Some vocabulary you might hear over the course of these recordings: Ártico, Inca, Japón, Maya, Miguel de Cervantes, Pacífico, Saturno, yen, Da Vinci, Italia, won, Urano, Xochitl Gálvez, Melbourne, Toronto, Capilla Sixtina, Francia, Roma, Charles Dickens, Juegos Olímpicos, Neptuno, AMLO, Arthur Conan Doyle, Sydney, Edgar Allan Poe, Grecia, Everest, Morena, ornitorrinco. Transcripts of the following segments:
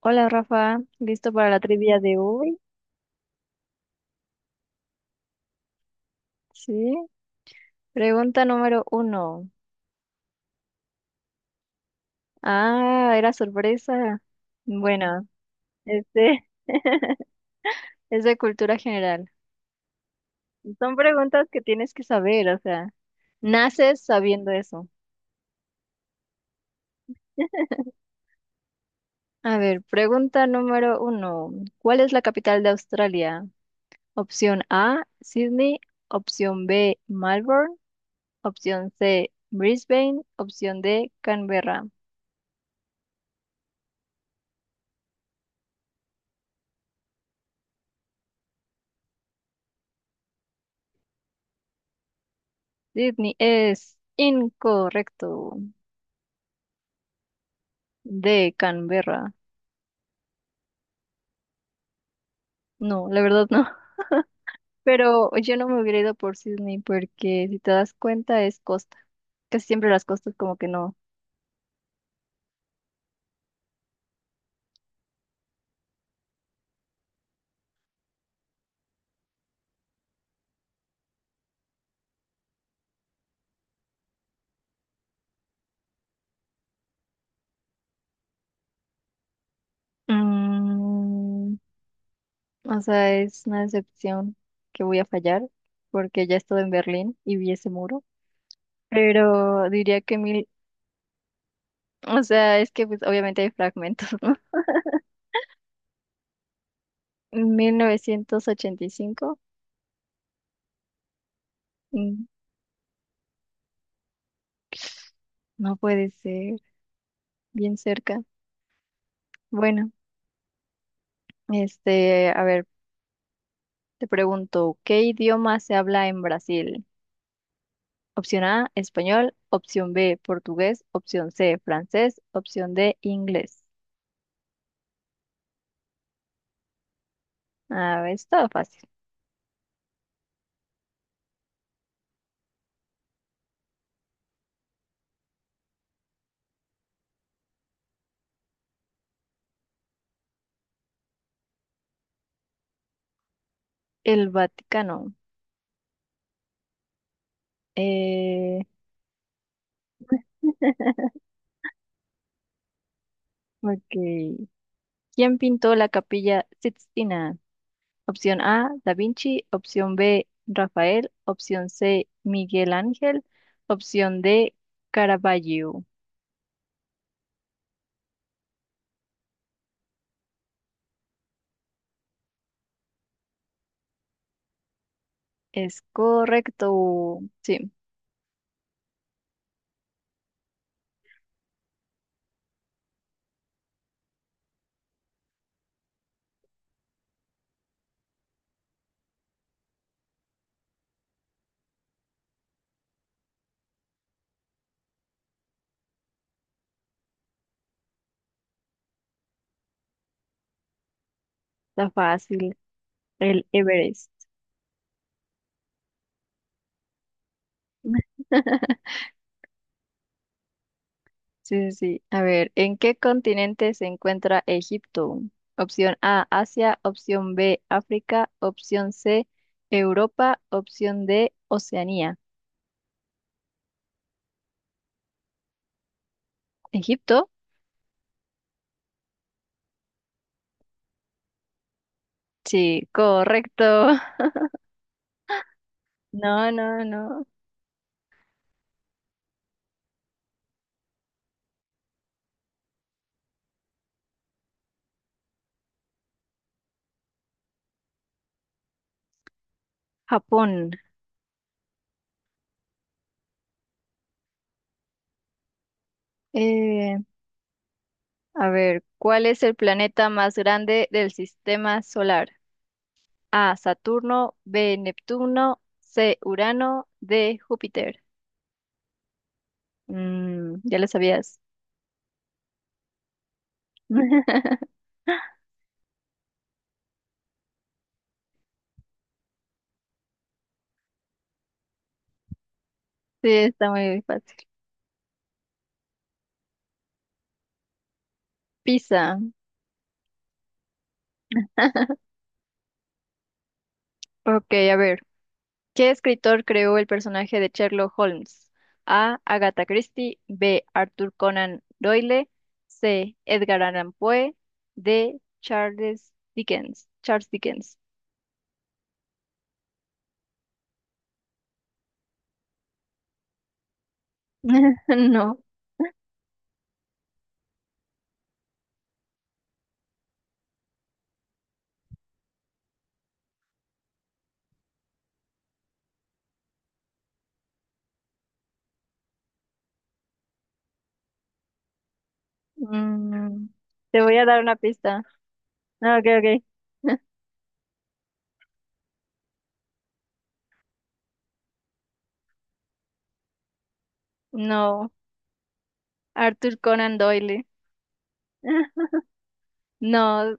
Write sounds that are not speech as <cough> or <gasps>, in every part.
Hola Rafa, ¿listo para la trivia de hoy? Sí. Pregunta número uno. Ah, era sorpresa. Bueno, este <laughs> es de cultura general. Son preguntas que tienes que saber, o sea, naces sabiendo eso. A ver, pregunta número uno. ¿Cuál es la capital de Australia? Opción A, Sydney. Opción B, Melbourne. Opción C, Brisbane. Opción D, Canberra. Sydney es incorrecto. De Canberra. No, la verdad no. <laughs> Pero yo no me hubiera ido por Sydney porque si te das cuenta es costa. Casi siempre las costas como que no. Mm, o sea, es una decepción que voy a fallar porque ya estuve en Berlín y vi ese muro. Pero diría que mil, o sea, es que pues obviamente hay fragmentos, ¿no? <laughs> 1985. Mm, no puede ser, bien cerca. Bueno. A ver, te pregunto, ¿qué idioma se habla en Brasil? Opción A, español, opción B, portugués, opción C, francés, opción D, inglés. A ver, estaba fácil. El Vaticano. Eh, <laughs> ok. ¿Quién pintó la Capilla Sixtina? Opción A, Da Vinci, opción B, Rafael, opción C, Miguel Ángel, opción D, Caravaggio. Es correcto. Sí, está fácil. El Everest. <laughs> Sí, sí, sí. A ver, ¿en qué continente se encuentra Egipto? Opción A, Asia, opción B, África, opción C, Europa, opción D, Oceanía. ¿Egipto? Sí, correcto. <laughs> No, no, no. Japón. Eh, a ver, ¿cuál es el planeta más grande del sistema solar? A, Saturno, B, Neptuno, C, Urano, D, Júpiter. Mm, ya lo sabías. <laughs> Sí, está muy fácil. Pizza. <laughs> Ok, a ver. ¿Qué escritor creó el personaje de Sherlock Holmes? A. Agatha Christie. B. Arthur Conan Doyle. C. Edgar Allan Poe. D. Charles Dickens. <laughs> No. Mm, te voy a dar una pista. Ah, Ok, ok. <laughs> No. Arthur Conan Doyle. <laughs> No,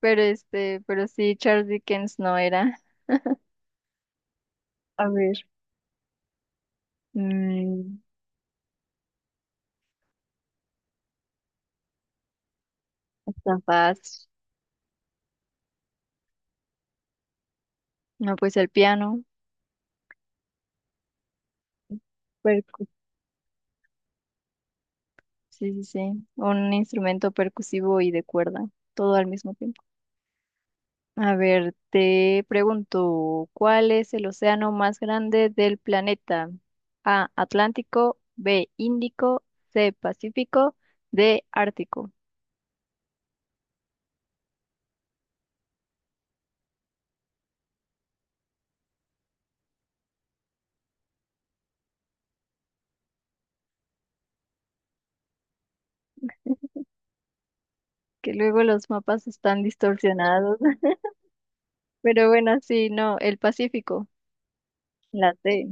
pero pero sí, Charles Dickens no era. A ver. Mm, está fácil. No, pues el piano, percu- sí, sí, sí, un instrumento percusivo y de cuerda, todo al mismo tiempo. A ver, te pregunto, ¿cuál es el océano más grande del planeta? A, Atlántico, B, Índico, C, Pacífico, D, Ártico. Que luego los mapas están distorsionados. <laughs> Pero bueno, sí, no, el Pacífico, la C.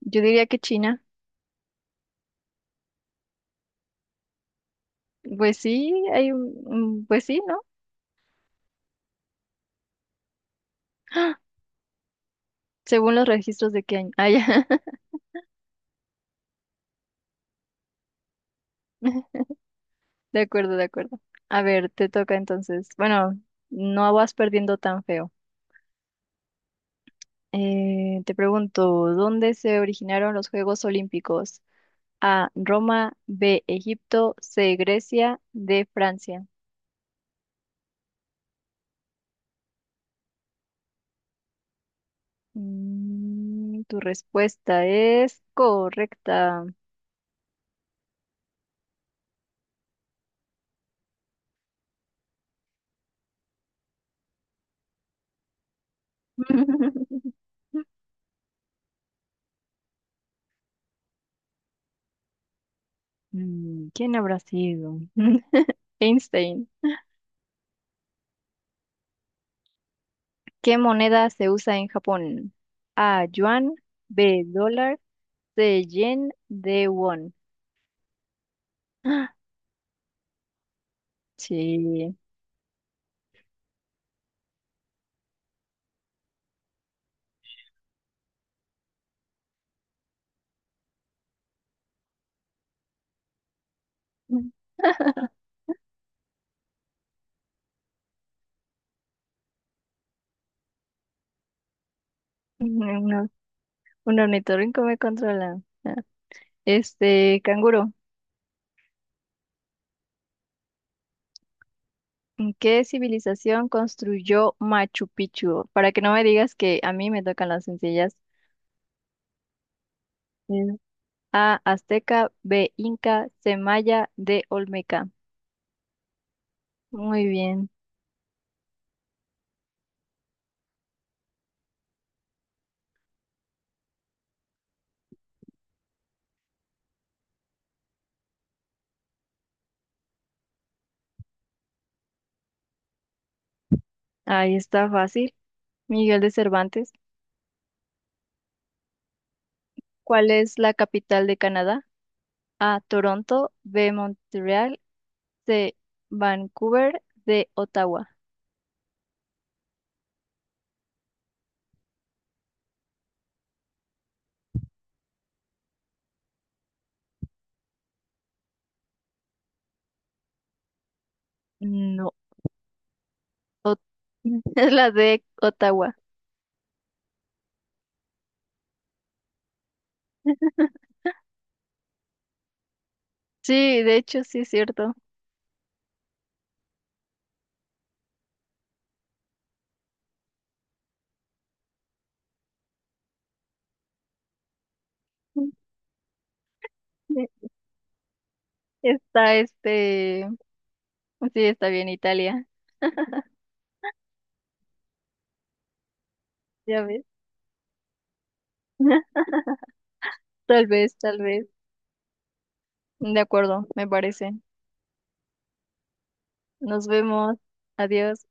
Yo diría que China. Pues sí, hay pues sí, ¿no? <gasps> Según los registros de qué año. Ah, ya. <laughs> De acuerdo, de acuerdo. A ver, te toca entonces. Bueno, no vas perdiendo tan feo. Te pregunto, ¿dónde se originaron los Juegos Olímpicos? A, Roma, B, Egipto, C, Grecia, D, Francia. Mm, tu respuesta es correcta. <laughs> Mm, ¿quién habrá sido? <laughs> Einstein. ¿Qué moneda se usa en Japón? A, yuan, B, dólar, C, yen, D, won. ¡Ah! Sí. <laughs> No, un ornitorrinco me controla. Ah, canguro, ¿qué civilización construyó Machu Picchu? Para que no me digas que a mí me tocan las sencillas. Mm. A, Azteca, B, Inca, C, Maya, D, Olmeca. Muy bien, ahí está fácil. Miguel de Cervantes, ¿cuál es la capital de Canadá? A. Toronto. B. Montreal. C. Vancouver. D. Ottawa. No. Ot- <laughs> es la D. Ottawa. Sí, de hecho, sí es cierto. <laughs> Está este. Sí, está bien, Italia. Ya ves. <laughs> Tal vez, tal vez. De acuerdo, me parece. Nos vemos. Adiós.